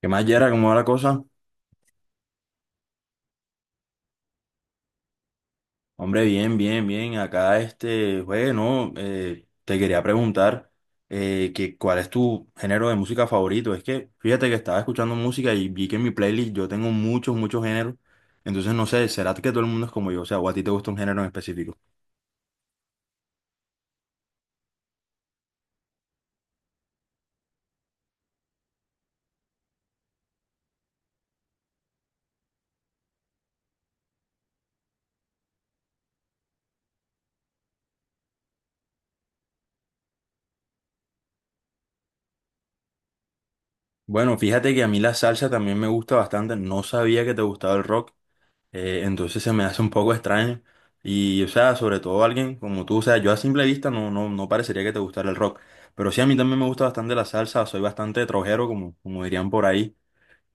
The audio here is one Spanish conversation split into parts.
¿Qué más, Yera? ¿Cómo va la cosa? Hombre, bien, bien, bien. Acá, bueno, te quería preguntar que cuál es tu género de música favorito. Es que, fíjate que estaba escuchando música y vi que en mi playlist yo tengo muchos géneros. Entonces, no sé, ¿será que todo el mundo es como yo? O sea, ¿o a ti te gusta un género en específico? Bueno, fíjate que a mí la salsa también me gusta bastante. No sabía que te gustaba el rock. Entonces se me hace un poco extraño. Y, o sea, sobre todo alguien como tú, o sea, yo a simple vista no parecería que te gustara el rock. Pero sí, a mí también me gusta bastante la salsa, soy bastante trojero, como dirían por ahí.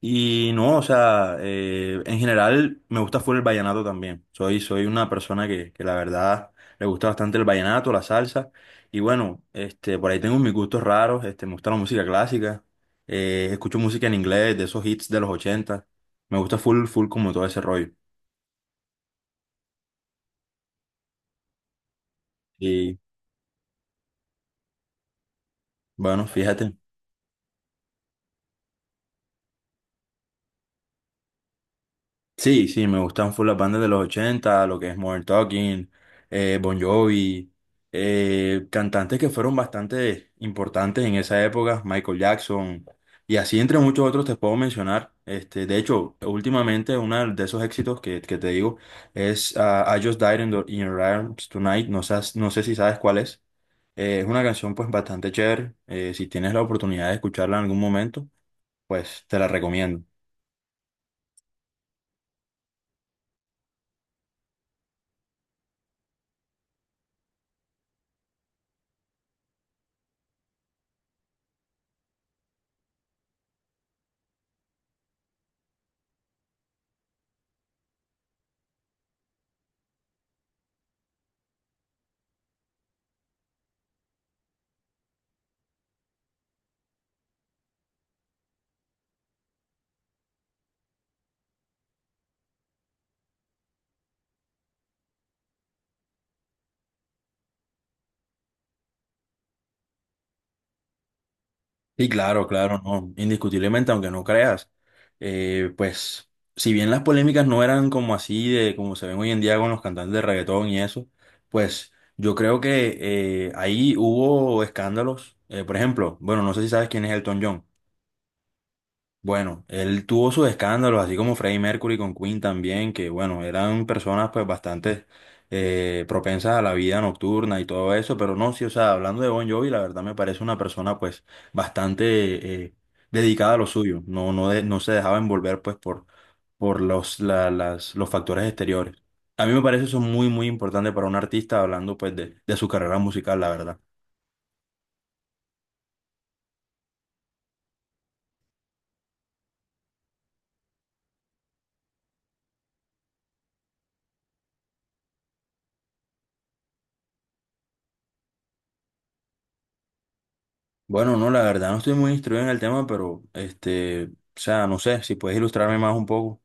Y no, o sea, en general me gusta full el vallenato también. Soy una persona que la verdad le gusta bastante el vallenato, la salsa. Y bueno, por ahí tengo mis gustos raros, me gusta la música clásica, escucho música en inglés, de esos hits de los ochenta. Me gusta full como todo ese rollo. Y bueno, fíjate. Sí, Me gustan full las bandas de los ochenta, lo que es Modern Talking, Bon Jovi, cantantes que fueron bastante importantes en esa época, Michael Jackson, y así entre muchos otros te puedo mencionar. Este, de hecho, últimamente uno de esos éxitos que te digo es I Just Died in Your Arms Tonight. No, no sé si sabes cuál es. Es una canción pues bastante chévere. Eh, si tienes la oportunidad de escucharla en algún momento, pues te la recomiendo. Sí, claro, claro, no, indiscutiblemente, aunque no creas, pues si bien las polémicas no eran como así de como se ven hoy en día con los cantantes de reggaetón y eso, pues yo creo que ahí hubo escándalos. Eh, por ejemplo, bueno, no sé si sabes quién es Elton John. Bueno, él tuvo sus escándalos, así como Freddie Mercury con Queen también, que bueno, eran personas pues bastante propensas a la vida nocturna y todo eso. Pero no, sí, o sea, hablando de Bon Jovi, la verdad me parece una persona pues bastante dedicada a lo suyo. No se dejaba envolver pues por los factores exteriores. A mí me parece eso muy, muy importante para un artista hablando pues de su carrera musical, la verdad. Bueno, no, la verdad no estoy muy instruido en el tema, pero o sea, no sé si puedes ilustrarme más un poco.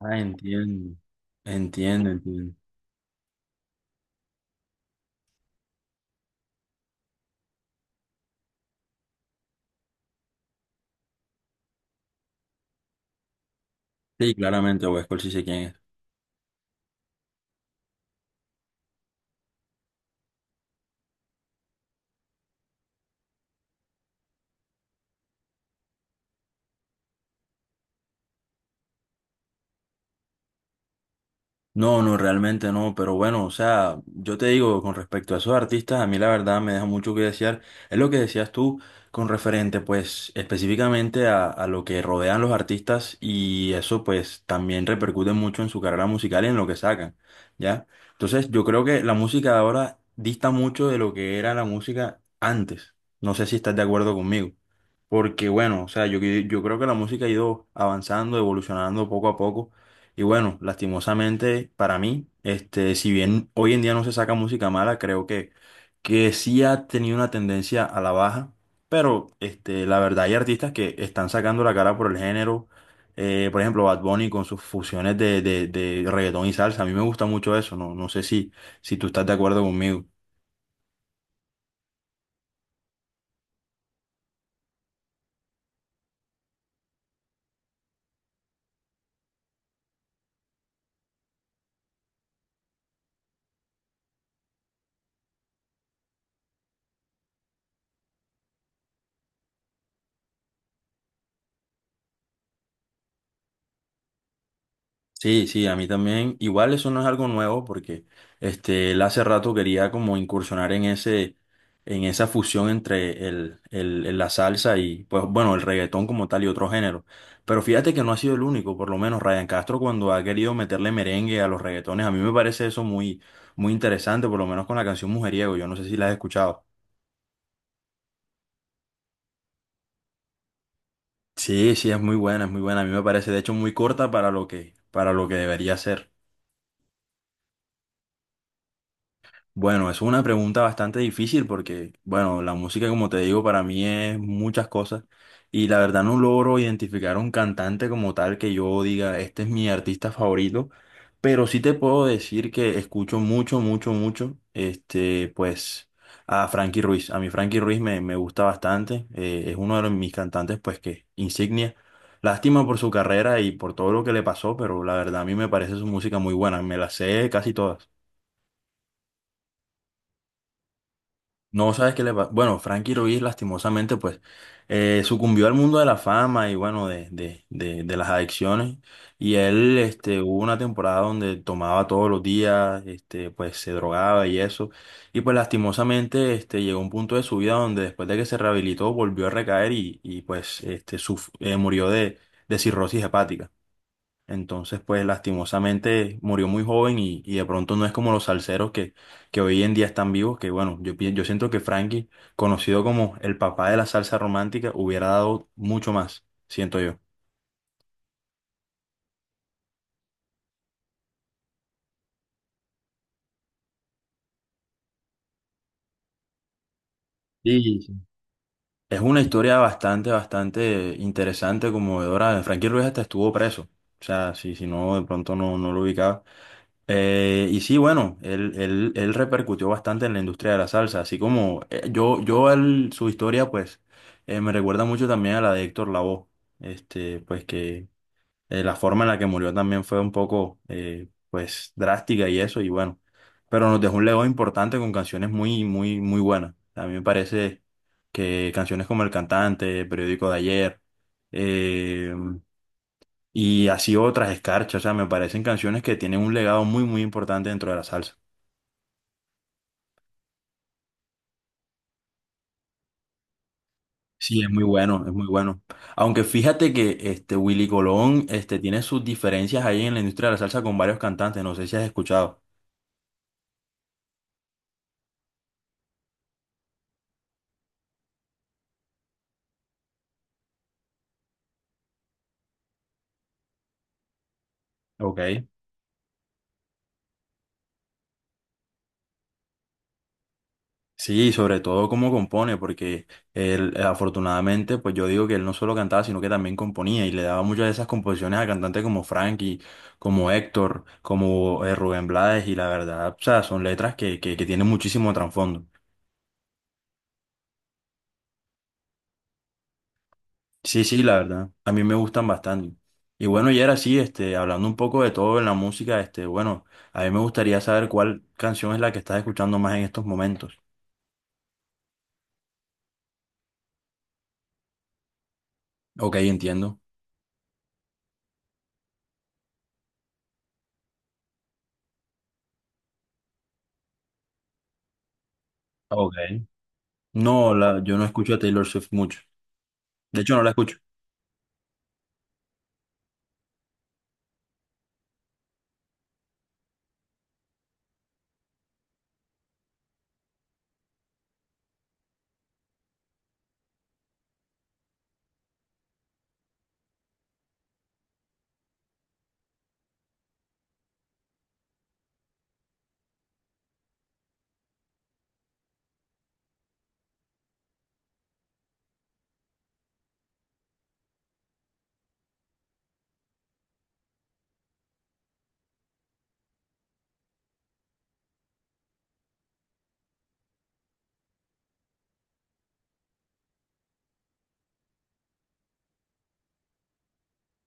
Ah, entiendo, entiendo, entiendo. Sí, claramente, Westworld sí sé quién es. No, no, realmente no, pero bueno, o sea, yo te digo, con respecto a esos artistas, a mí la verdad me deja mucho que desear. Es lo que decías tú con referente, pues, específicamente a lo que rodean los artistas y eso, pues, también repercute mucho en su carrera musical y en lo que sacan, ¿ya? Entonces, yo creo que la música de ahora dista mucho de lo que era la música antes. No sé si estás de acuerdo conmigo. Porque bueno, o sea, yo creo que la música ha ido avanzando, evolucionando poco a poco. Y bueno, lastimosamente para mí, si bien hoy en día no se saca música mala, creo que sí ha tenido una tendencia a la baja, pero la verdad hay artistas que están sacando la cara por el género. Eh, por ejemplo Bad Bunny con sus fusiones de reggaetón y salsa, a mí me gusta mucho eso. No, no sé si tú estás de acuerdo conmigo. Sí, sí, a mí también. Igual eso no es algo nuevo porque él hace rato quería como incursionar en ese, en esa fusión entre la salsa y, pues bueno, el reggaetón como tal y otro género. Pero fíjate que no ha sido el único. Por lo menos Ryan Castro, cuando ha querido meterle merengue a los reggaetones, a mí me parece eso muy, muy interesante, por lo menos con la canción Mujeriego, yo no sé si la has escuchado. Sí, sí, es muy buena, es muy buena. A mí me parece de hecho muy corta para lo que debería ser. Bueno, es una pregunta bastante difícil porque, bueno, la música, como te digo, para mí es muchas cosas, y la verdad no logro identificar un cantante como tal que yo diga, este es mi artista favorito, pero sí te puedo decir que escucho mucho, pues, a Frankie Ruiz. A mí Frankie Ruiz me gusta bastante. Eh, es uno de mis cantantes, pues, que insignia. Lástima por su carrera y por todo lo que le pasó, pero la verdad a mí me parece su música muy buena, me la sé casi todas. No sabes qué le pasa. Bueno, Frankie Ruiz lastimosamente pues sucumbió al mundo de la fama y bueno, de las adicciones. Y él hubo una temporada donde tomaba todos los días. Este, pues se drogaba y eso. Y pues lastimosamente llegó a un punto de su vida donde después de que se rehabilitó volvió a recaer y pues murió de cirrosis hepática. Entonces, pues lastimosamente murió muy joven y de pronto no es como los salseros que hoy en día están vivos, que bueno, yo siento que Frankie, conocido como el papá de la salsa romántica, hubiera dado mucho más, siento yo. Sí, sí. Es una historia bastante, bastante interesante, conmovedora. Frankie Ruiz hasta estuvo preso. O sea, si no, de pronto no lo ubicaba. Y sí, bueno, él repercutió bastante en la industria de la salsa, así como su historia, pues, me recuerda mucho también a la de Héctor Lavoe. Este, pues que la forma en la que murió también fue un poco, pues, drástica y eso, y bueno, pero nos dejó un legado importante con canciones muy, muy, muy buenas. A mí me parece que canciones como El Cantante, Periódico de Ayer, eh, y así otras, Escarcha, o sea, me parecen canciones que tienen un legado muy, muy importante dentro de la salsa. Sí, es muy bueno, es muy bueno. Aunque fíjate que este Willy Colón, tiene sus diferencias ahí en la industria de la salsa con varios cantantes, no sé si has escuchado. Ok. Sí, sobre todo cómo compone, porque él afortunadamente, pues yo digo que él no solo cantaba, sino que también componía y le daba muchas de esas composiciones a cantantes como Frankie, como Héctor, como Rubén Blades, y la verdad, o sea, son letras que tienen muchísimo trasfondo. Sí, sí, la verdad. A mí me gustan bastante. Y bueno, y era así, hablando un poco de todo en la música, bueno, a mí me gustaría saber cuál canción es la que estás escuchando más en estos momentos. Ok, entiendo. Ok. No, la, yo no escucho a Taylor Swift mucho. De hecho, no la escucho.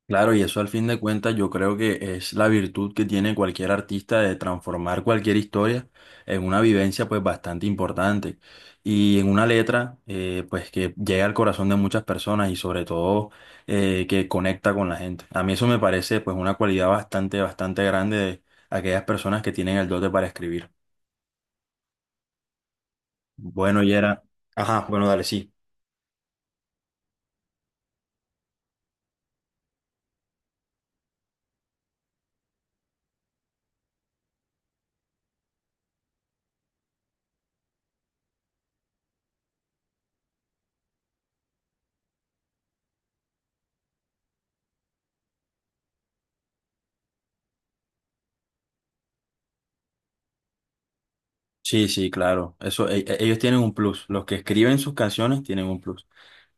Claro, y eso al fin de cuentas yo creo que es la virtud que tiene cualquier artista de transformar cualquier historia en una vivencia pues bastante importante y en una letra, pues, que llega al corazón de muchas personas, y sobre todo que conecta con la gente. A mí eso me parece pues una cualidad bastante, bastante grande de aquellas personas que tienen el dote para escribir. Bueno, y era... Ajá, bueno, dale, sí. Sí, sí, claro. Eso, ellos tienen un plus. Los que escriben sus canciones tienen un plus.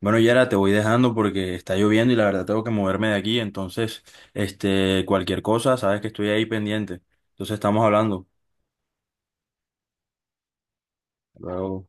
Bueno, Yara, te voy dejando porque está lloviendo y la verdad tengo que moverme de aquí. Entonces, cualquier cosa, sabes que estoy ahí pendiente. Entonces estamos hablando. Luego.